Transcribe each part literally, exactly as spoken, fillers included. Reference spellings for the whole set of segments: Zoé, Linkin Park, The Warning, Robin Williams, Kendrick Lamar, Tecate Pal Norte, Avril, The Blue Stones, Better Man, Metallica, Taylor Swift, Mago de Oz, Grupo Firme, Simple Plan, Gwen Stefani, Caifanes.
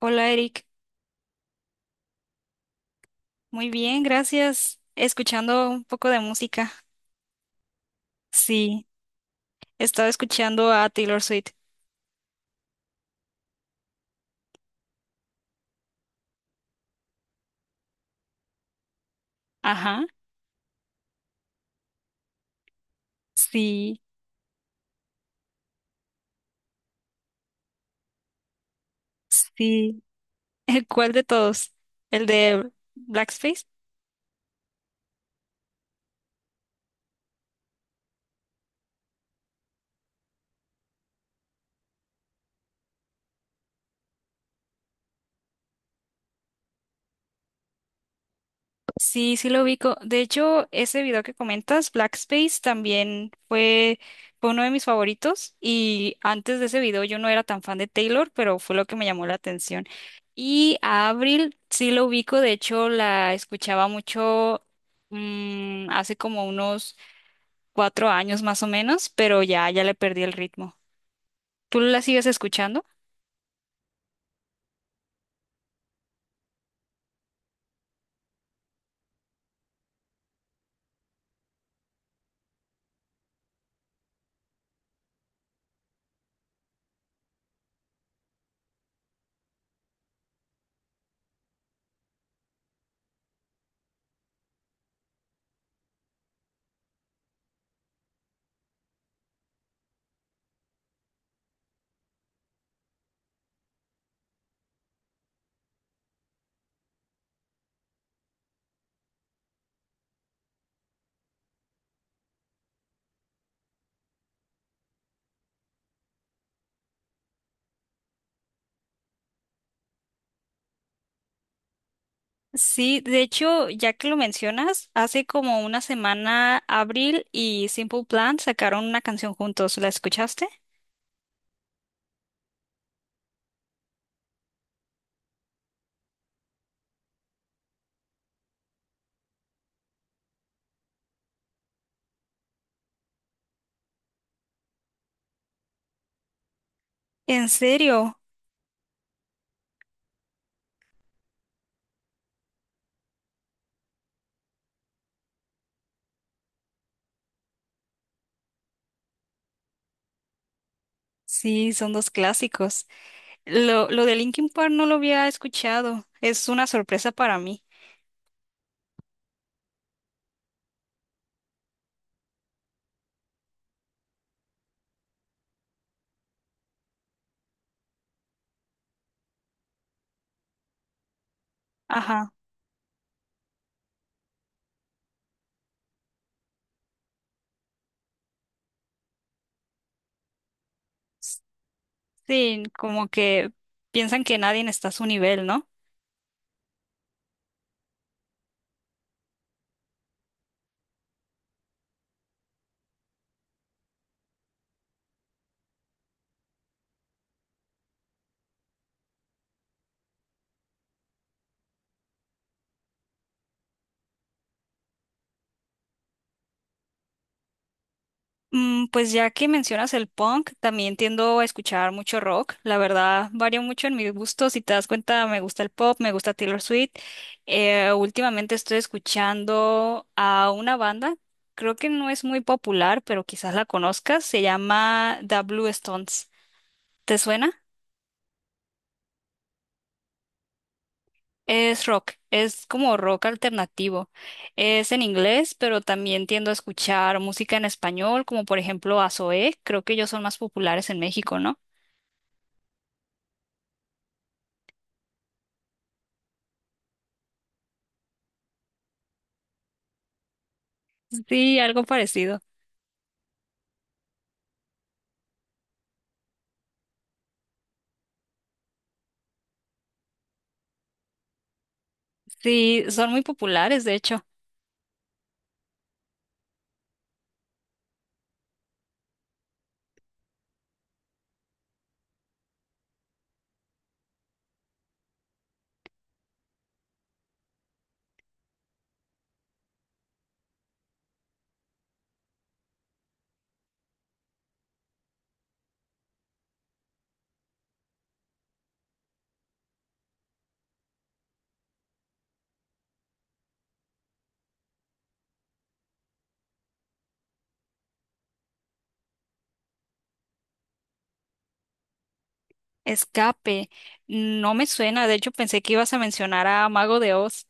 Hola Eric, muy bien, gracias. Escuchando un poco de música. Sí, estaba escuchando a Taylor Swift. Ajá, sí, sí. ¿Cuál de todos? ¿El de Blackface? Sí, sí lo ubico. De hecho, ese video que comentas, Blackspace, también fue, fue uno de mis favoritos. Y antes de ese video yo no era tan fan de Taylor, pero fue lo que me llamó la atención. Y a Avril sí lo ubico. De hecho, la escuchaba mucho, mm, hace como unos cuatro años más o menos, pero ya, ya le perdí el ritmo. ¿Tú la sigues escuchando? Sí, de hecho, ya que lo mencionas, hace como una semana Avril y Simple Plan sacaron una canción juntos. ¿La escuchaste? ¿En serio? Sí, son dos clásicos. Lo, lo de Linkin Park no lo había escuchado. Es una sorpresa para mí. Ajá. Sí, como que piensan que nadie está a su nivel, ¿no? Mm, Pues ya que mencionas el punk, también tiendo a escuchar mucho rock. La verdad, varía mucho en mis gustos. Si te das cuenta, me gusta el pop, me gusta Taylor Swift. Eh, últimamente estoy escuchando a una banda, creo que no es muy popular, pero quizás la conozcas. Se llama The Blue Stones. ¿Te suena? Es rock, es como rock alternativo. Es en inglés, pero también tiendo a escuchar música en español, como por ejemplo a Zoé. Creo que ellos son más populares en México, ¿no? Sí, algo parecido. Sí, son muy populares, de hecho. Escape, no me suena, de hecho pensé que ibas a mencionar a Mago de Oz.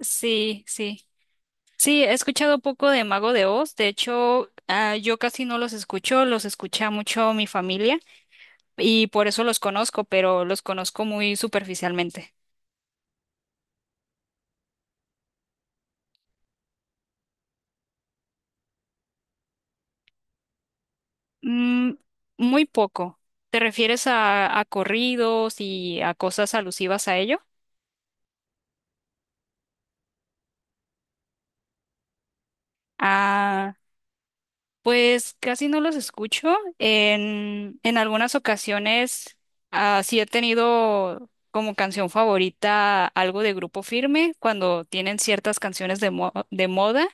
Sí, sí. Sí, he escuchado poco de Mago de Oz, de hecho, ah, yo casi no los escucho, los escucha mucho mi familia y por eso los conozco, pero los conozco muy superficialmente. Mm, Muy poco. ¿Te refieres a, a corridos y a cosas alusivas a ello? Ah. Pues casi no los escucho. En, en algunas ocasiones ah, sí he tenido como canción favorita algo de Grupo Firme cuando tienen ciertas canciones de, mo- de moda,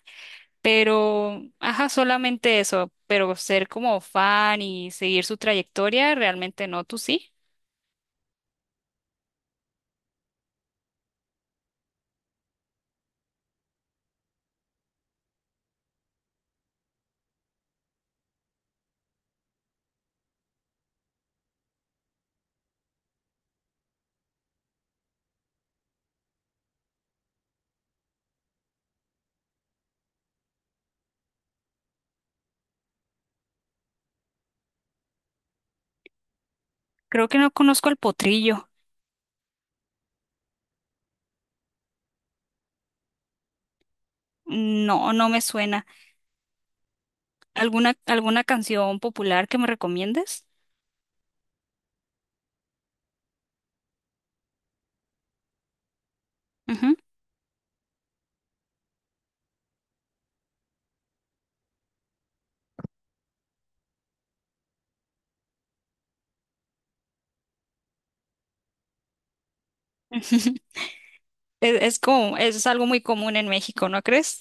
pero ajá, solamente eso. Pero ser como fan y seguir su trayectoria, realmente no, tú sí. Creo que no conozco al Potrillo. No, no me suena. ¿Alguna, alguna canción popular que me recomiendes? Ujú. Es, es como, eso es algo muy común en México, ¿no crees?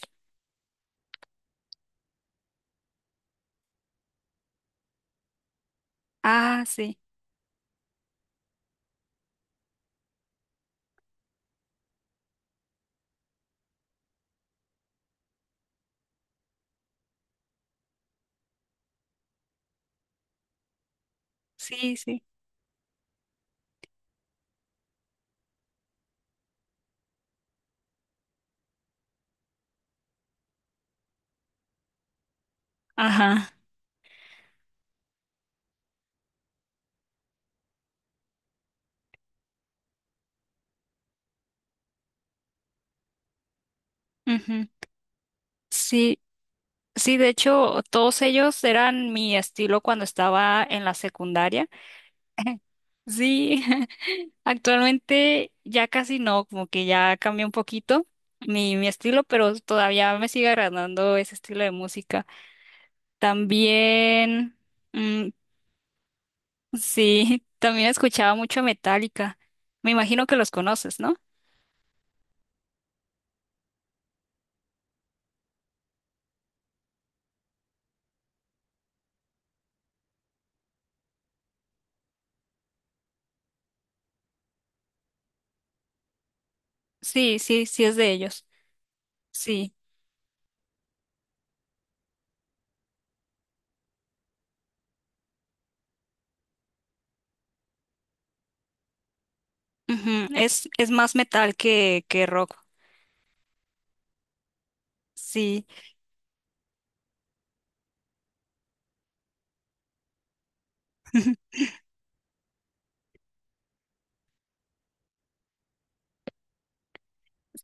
Ah, sí, sí, sí. Ajá. Ujú. Sí, sí, de hecho, todos ellos eran mi estilo cuando estaba en la secundaria. Sí, actualmente ya casi no, como que ya cambió un poquito mi, mi estilo, pero todavía me sigue agradando ese estilo de música. También, mm, sí, también escuchaba mucho Metallica. Me imagino que los conoces, ¿no? Sí, sí, sí es de ellos. Sí. Ujú. Es, es más metal que, que rock. Sí.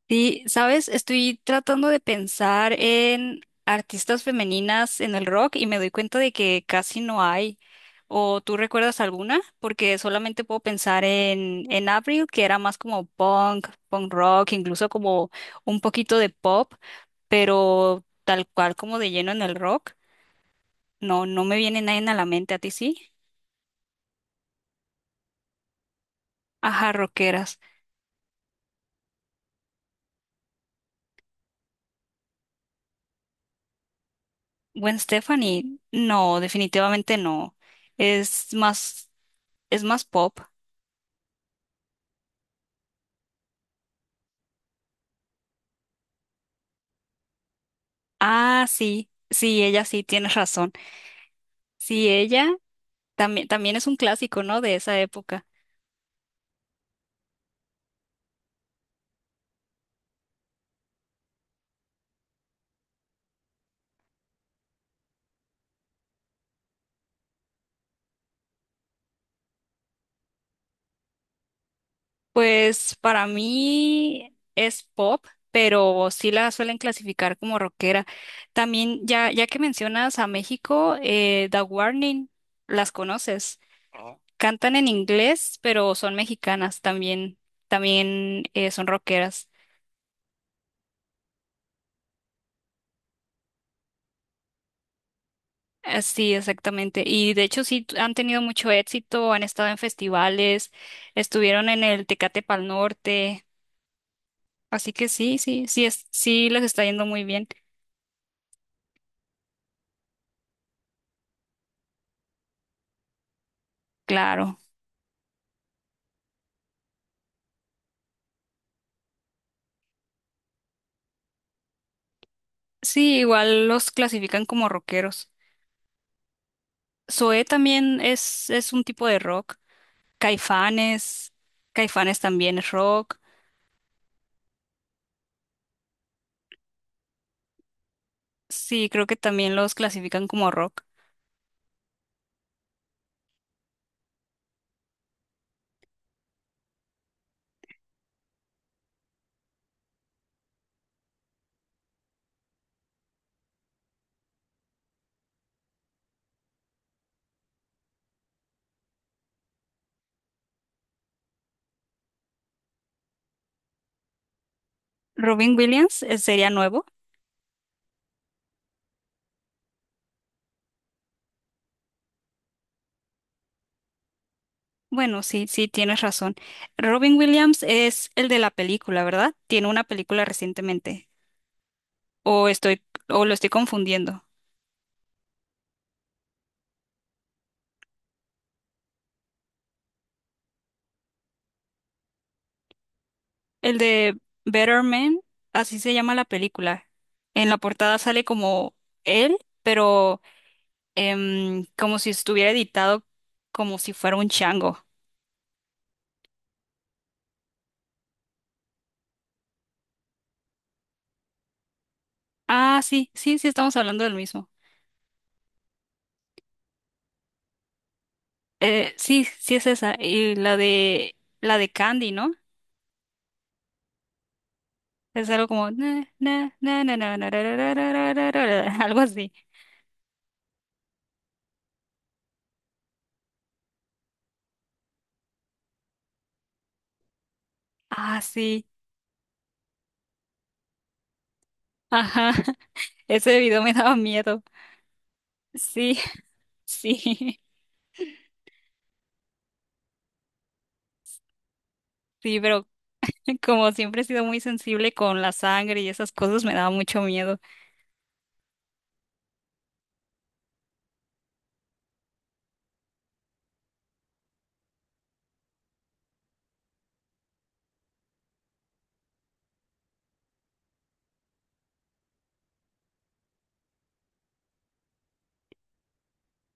Sí, ¿sabes? Estoy tratando de pensar en artistas femeninas en el rock y me doy cuenta de que casi no hay. ¿O tú recuerdas alguna? Porque solamente puedo pensar en, en Avril, que era más como punk, punk rock, incluso como un poquito de pop, pero tal cual como de lleno en el rock. No, no me viene nadie a la mente, ¿a ti sí? Ajá, rockeras. Gwen Stefani, no, definitivamente no. Es más, es más pop. Ah, sí, sí, ella sí, tienes razón. Sí, ella también, también es un clásico, ¿no? De esa época. Pues para mí es pop, pero sí la suelen clasificar como rockera. También, ya, ya que mencionas a México, eh, The Warning, las conoces. Cantan en inglés, pero son mexicanas también, también eh, son rockeras. Eh, Sí, exactamente. Y de hecho sí t- han tenido mucho éxito, han estado en festivales, estuvieron en el Tecate Pal Norte, así que sí, sí, sí es, sí les está yendo muy bien, claro. Sí, igual los clasifican como rockeros. Zoé también es, es un tipo de rock. Caifanes, Caifanes también es rock. Sí, creo que también los clasifican como rock. Robin Williams eh, sería nuevo. Bueno, sí, sí, tienes razón. Robin Williams es el de la película, ¿verdad? Tiene una película recientemente. O estoy, o lo estoy confundiendo. El de Better Man, así se llama la película. En la portada sale como él, pero em, como si estuviera editado, como si fuera un chango. Ah, sí, sí, sí, estamos hablando del mismo. Eh, sí, sí es esa. Y la de la de Candy, ¿no? Es algo como na, na, na, na, na, na, ra, ra, ra, ra, ra, ra, ra, ra, algo así. Ah, sí. Ajá. Ese video me daba miedo. Sí, sí, sí, pero como siempre he sido muy sensible con la sangre y esas cosas, me daba mucho miedo.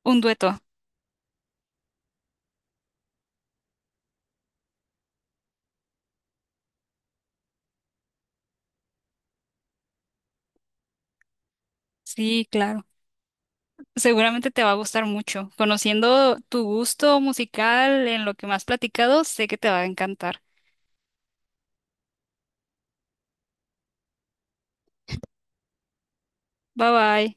Un dueto. Sí, claro. Seguramente te va a gustar mucho. Conociendo tu gusto musical en lo que me has platicado, sé que te va a encantar. Bye bye.